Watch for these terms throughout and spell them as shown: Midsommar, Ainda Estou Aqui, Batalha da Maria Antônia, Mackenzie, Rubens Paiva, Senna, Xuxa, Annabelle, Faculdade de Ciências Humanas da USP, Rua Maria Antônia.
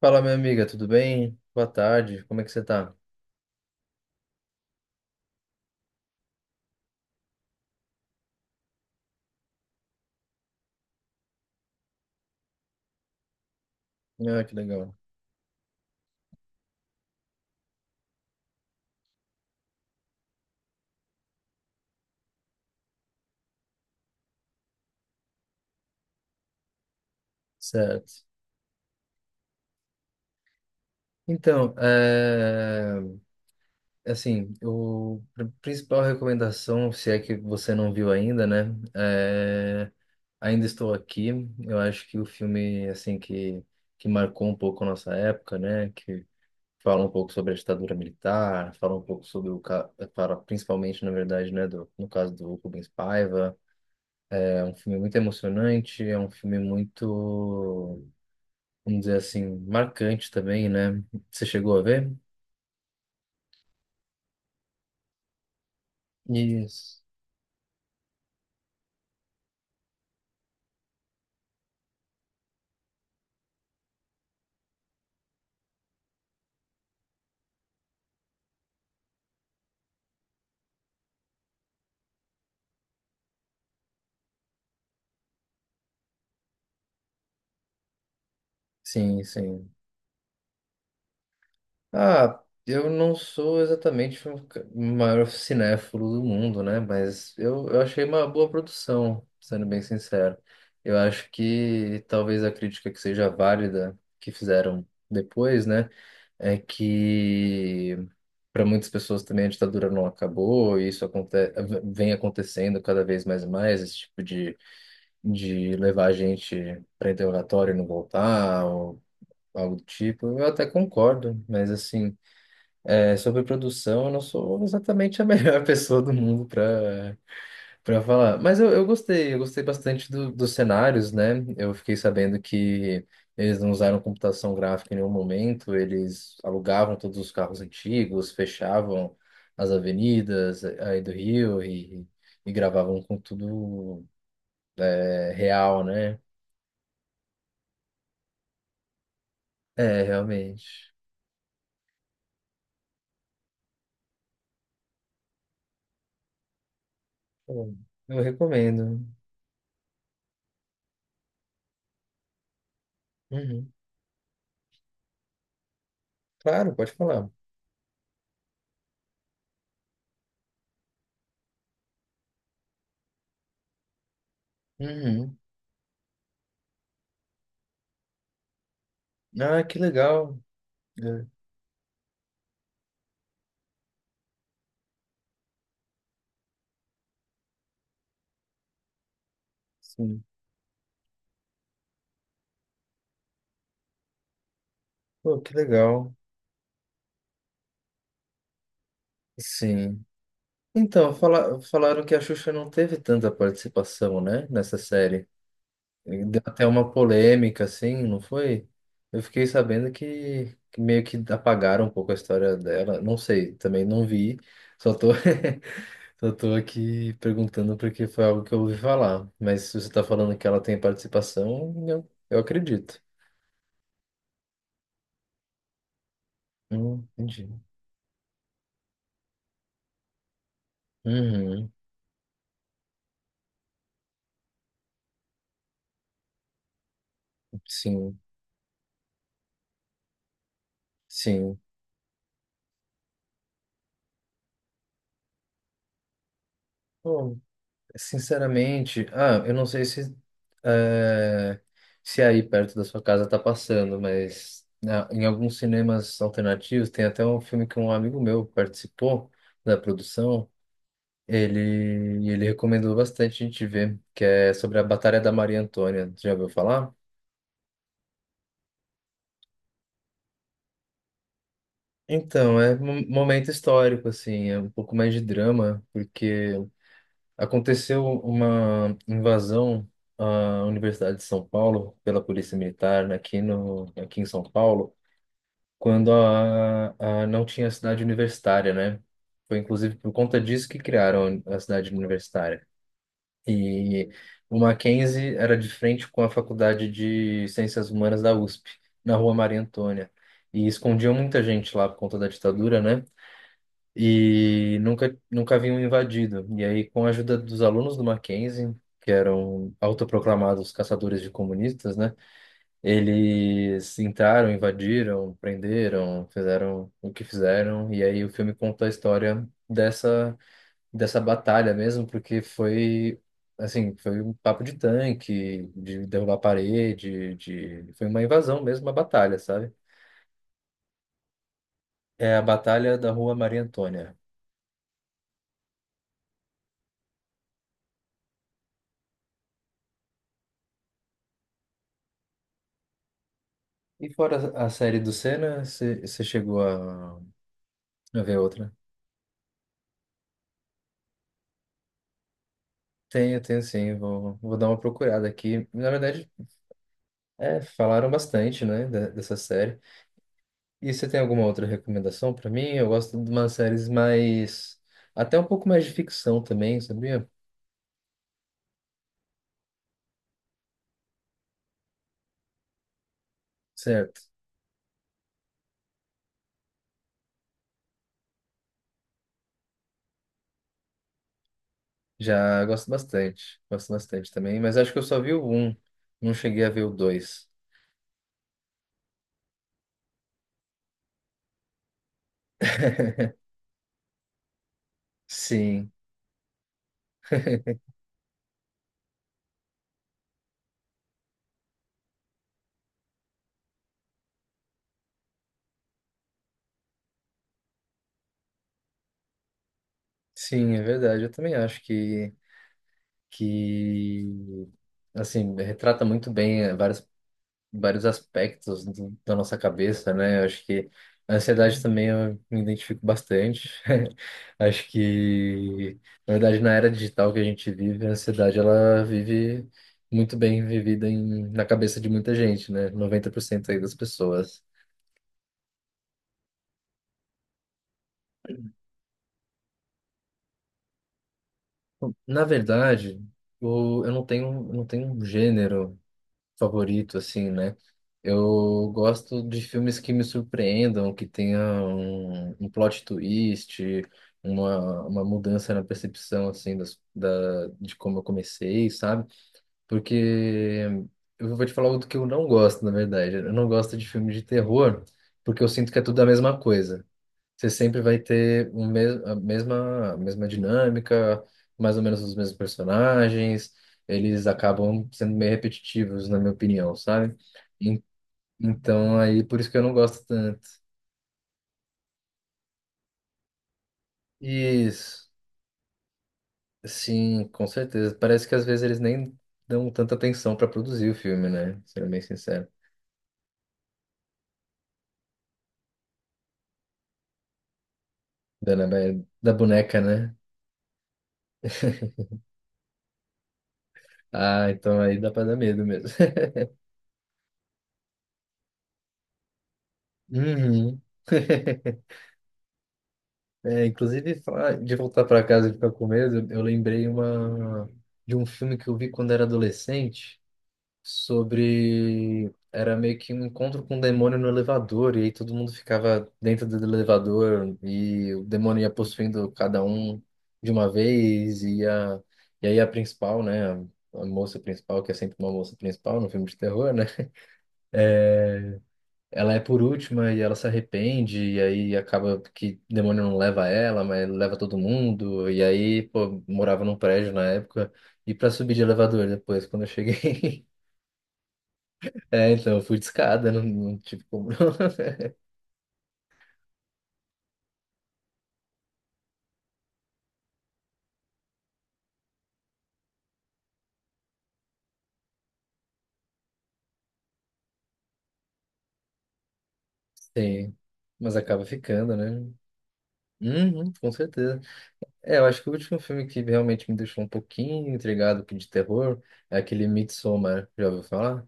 Fala, minha amiga, tudo bem? Boa tarde, como é que você tá? Ah, que legal. Certo. Então, é... assim, principal recomendação, se é que você não viu ainda, né? Ainda Estou Aqui. Eu acho que o filme, assim, que marcou um pouco a nossa época, né? Que fala um pouco sobre a ditadura militar, fala um pouco sobre Fala principalmente, na verdade, né? No caso do Rubens Paiva. É um filme muito emocionante, é um filme muito vamos dizer assim, marcante também, né? Você chegou a ver? Isso. Sim, sim. Eu não sou exatamente o maior cinéfilo do mundo, né? Mas eu achei uma boa produção, sendo bem sincero. Eu acho que talvez a crítica que seja válida que fizeram depois, né? É que para muitas pessoas também a ditadura não acabou, e isso aconte vem acontecendo cada vez mais e mais, esse tipo de levar a gente para interrogatório e não voltar, ou algo do tipo, eu até concordo, mas assim, sobre produção, eu não sou exatamente a melhor pessoa do mundo para para falar. Mas eu gostei bastante dos cenários, né? Eu fiquei sabendo que eles não usaram computação gráfica em nenhum momento, eles alugavam todos os carros antigos, fechavam as avenidas aí do Rio e gravavam com tudo real, né? É, realmente. Pô, eu recomendo. Uhum. Claro, pode falar. Uhum. Ah, que legal. É, sim. Pô, que legal. Sim. Então, falaram que a Xuxa não teve tanta participação, né, nessa série. E deu até uma polêmica, assim, não foi? Eu fiquei sabendo que meio que apagaram um pouco a história dela. Não sei, também não vi. Só tô. Só tô aqui perguntando porque foi algo que eu ouvi falar. Mas se você tá falando que ela tem participação, eu acredito. Entendi. Uhum, sim, sim. Bom, sinceramente, eu não sei se, é, se aí perto da sua casa tá passando, mas em alguns cinemas alternativos tem até um filme que um amigo meu participou da produção. Ele recomendou bastante a gente ver, que é sobre a Batalha da Maria Antônia. Já ouviu falar? Então, é um momento histórico, assim, é um pouco mais de drama, porque aconteceu uma invasão à Universidade de São Paulo pela Polícia Militar aqui no, aqui em São Paulo, quando a, a não tinha cidade universitária, né? Foi inclusive por conta disso que criaram a cidade universitária. E o Mackenzie era de frente com a Faculdade de Ciências Humanas da USP, na Rua Maria Antônia. E escondiam muita gente lá por conta da ditadura, né? E nunca haviam invadido. E aí, com a ajuda dos alunos do Mackenzie, que eram autoproclamados caçadores de comunistas, né? Eles entraram, invadiram, prenderam, fizeram o que fizeram. E aí o filme conta a história dessa batalha mesmo, porque foi assim, foi um papo de tanque, de derrubar parede, de foi uma invasão mesmo, uma batalha, sabe? É a Batalha da Rua Maria Antônia. E fora a série do Senna, a ver outra? Tenho, tenho sim, vou dar uma procurada aqui. Na verdade, falaram bastante, né, dessa série. E você tem alguma outra recomendação para mim? Eu gosto de umas séries mais... Até um pouco mais de ficção também, sabia? Certo. Já gosto bastante também, mas acho que eu só vi o um, não cheguei a ver o dois. Sim, sim, é verdade, eu também acho que assim retrata muito bem vários vários aspectos da nossa cabeça, né? Eu acho que a ansiedade também eu me identifico bastante. Acho que na verdade na era digital que a gente vive, a ansiedade ela vive muito bem vivida na cabeça de muita gente, né? 90% aí das pessoas. Na verdade, eu não tenho um gênero favorito, assim, né? Eu gosto de filmes que me surpreendam, que tenham um plot twist, uma mudança na percepção, assim, de como eu comecei, sabe? Porque eu vou te falar o que eu não gosto, na verdade. Eu não gosto de filme de terror, porque eu sinto que é tudo a mesma coisa você sempre vai ter a mesma dinâmica, mais ou menos os mesmos personagens, eles acabam sendo meio repetitivos, na minha opinião, sabe? En- Então, aí, por isso que eu não gosto tanto. Isso, sim, com certeza. Parece que às vezes eles nem dão tanta atenção para produzir o filme, né? Sendo bem sincero. Da boneca, né? Ah, então aí dá pra dar medo mesmo. Uhum. É, inclusive, falar de voltar para casa e ficar com medo, eu lembrei de um filme que eu vi quando era adolescente, sobre... Era meio que um encontro com um demônio no elevador, e aí todo mundo ficava dentro do elevador, e o demônio ia possuindo cada um de uma vez, e aí a principal, né, a moça principal, que é sempre uma moça principal no filme de terror, né, ela é por última e ela se arrepende, e aí acaba que o demônio não leva ela, mas leva todo mundo. E aí, pô, morava num prédio na época, e pra subir de elevador depois, quando eu cheguei. É, então, eu fui de escada, não tive como. Não. Sim, mas acaba ficando, né? Uhum, com certeza. É, eu acho que o último filme que realmente me deixou um pouquinho intrigado que de terror é aquele Midsommar, já ouviu falar?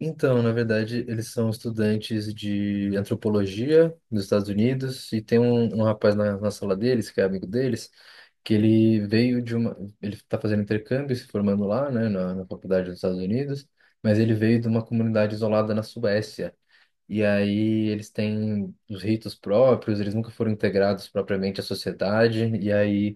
Então, na verdade, eles são estudantes de antropologia nos Estados Unidos e tem um rapaz na sala deles, que é amigo deles, que ele veio de uma... Ele está fazendo intercâmbio, se formando lá, né, na faculdade dos Estados Unidos, mas ele veio de uma comunidade isolada na Suécia. E aí eles têm os ritos próprios, eles nunca foram integrados propriamente à sociedade, e aí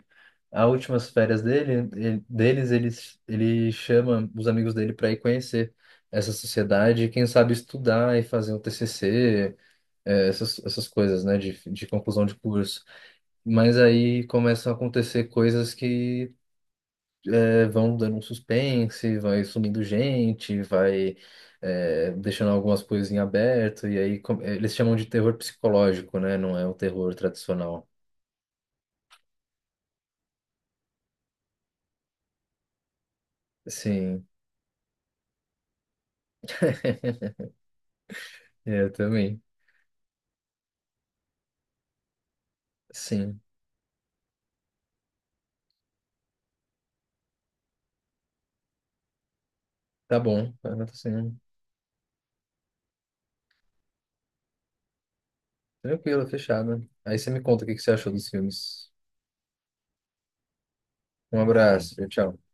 as últimas férias deles, ele chama os amigos dele para ir conhecer essa sociedade e, quem sabe, estudar e fazer um TCC, essas coisas, né, de conclusão de curso. Mas aí começam a acontecer coisas que vão dando um suspense, vai sumindo gente, vai deixando algumas coisas em aberto, e aí eles chamam de terror psicológico, né, não é o terror tradicional. Sim, É, eu também. Sim. Tá bom, tá sendo tranquilo, fechado. Aí você me conta o que que você achou dos filmes. Um abraço, tchau. Tchau.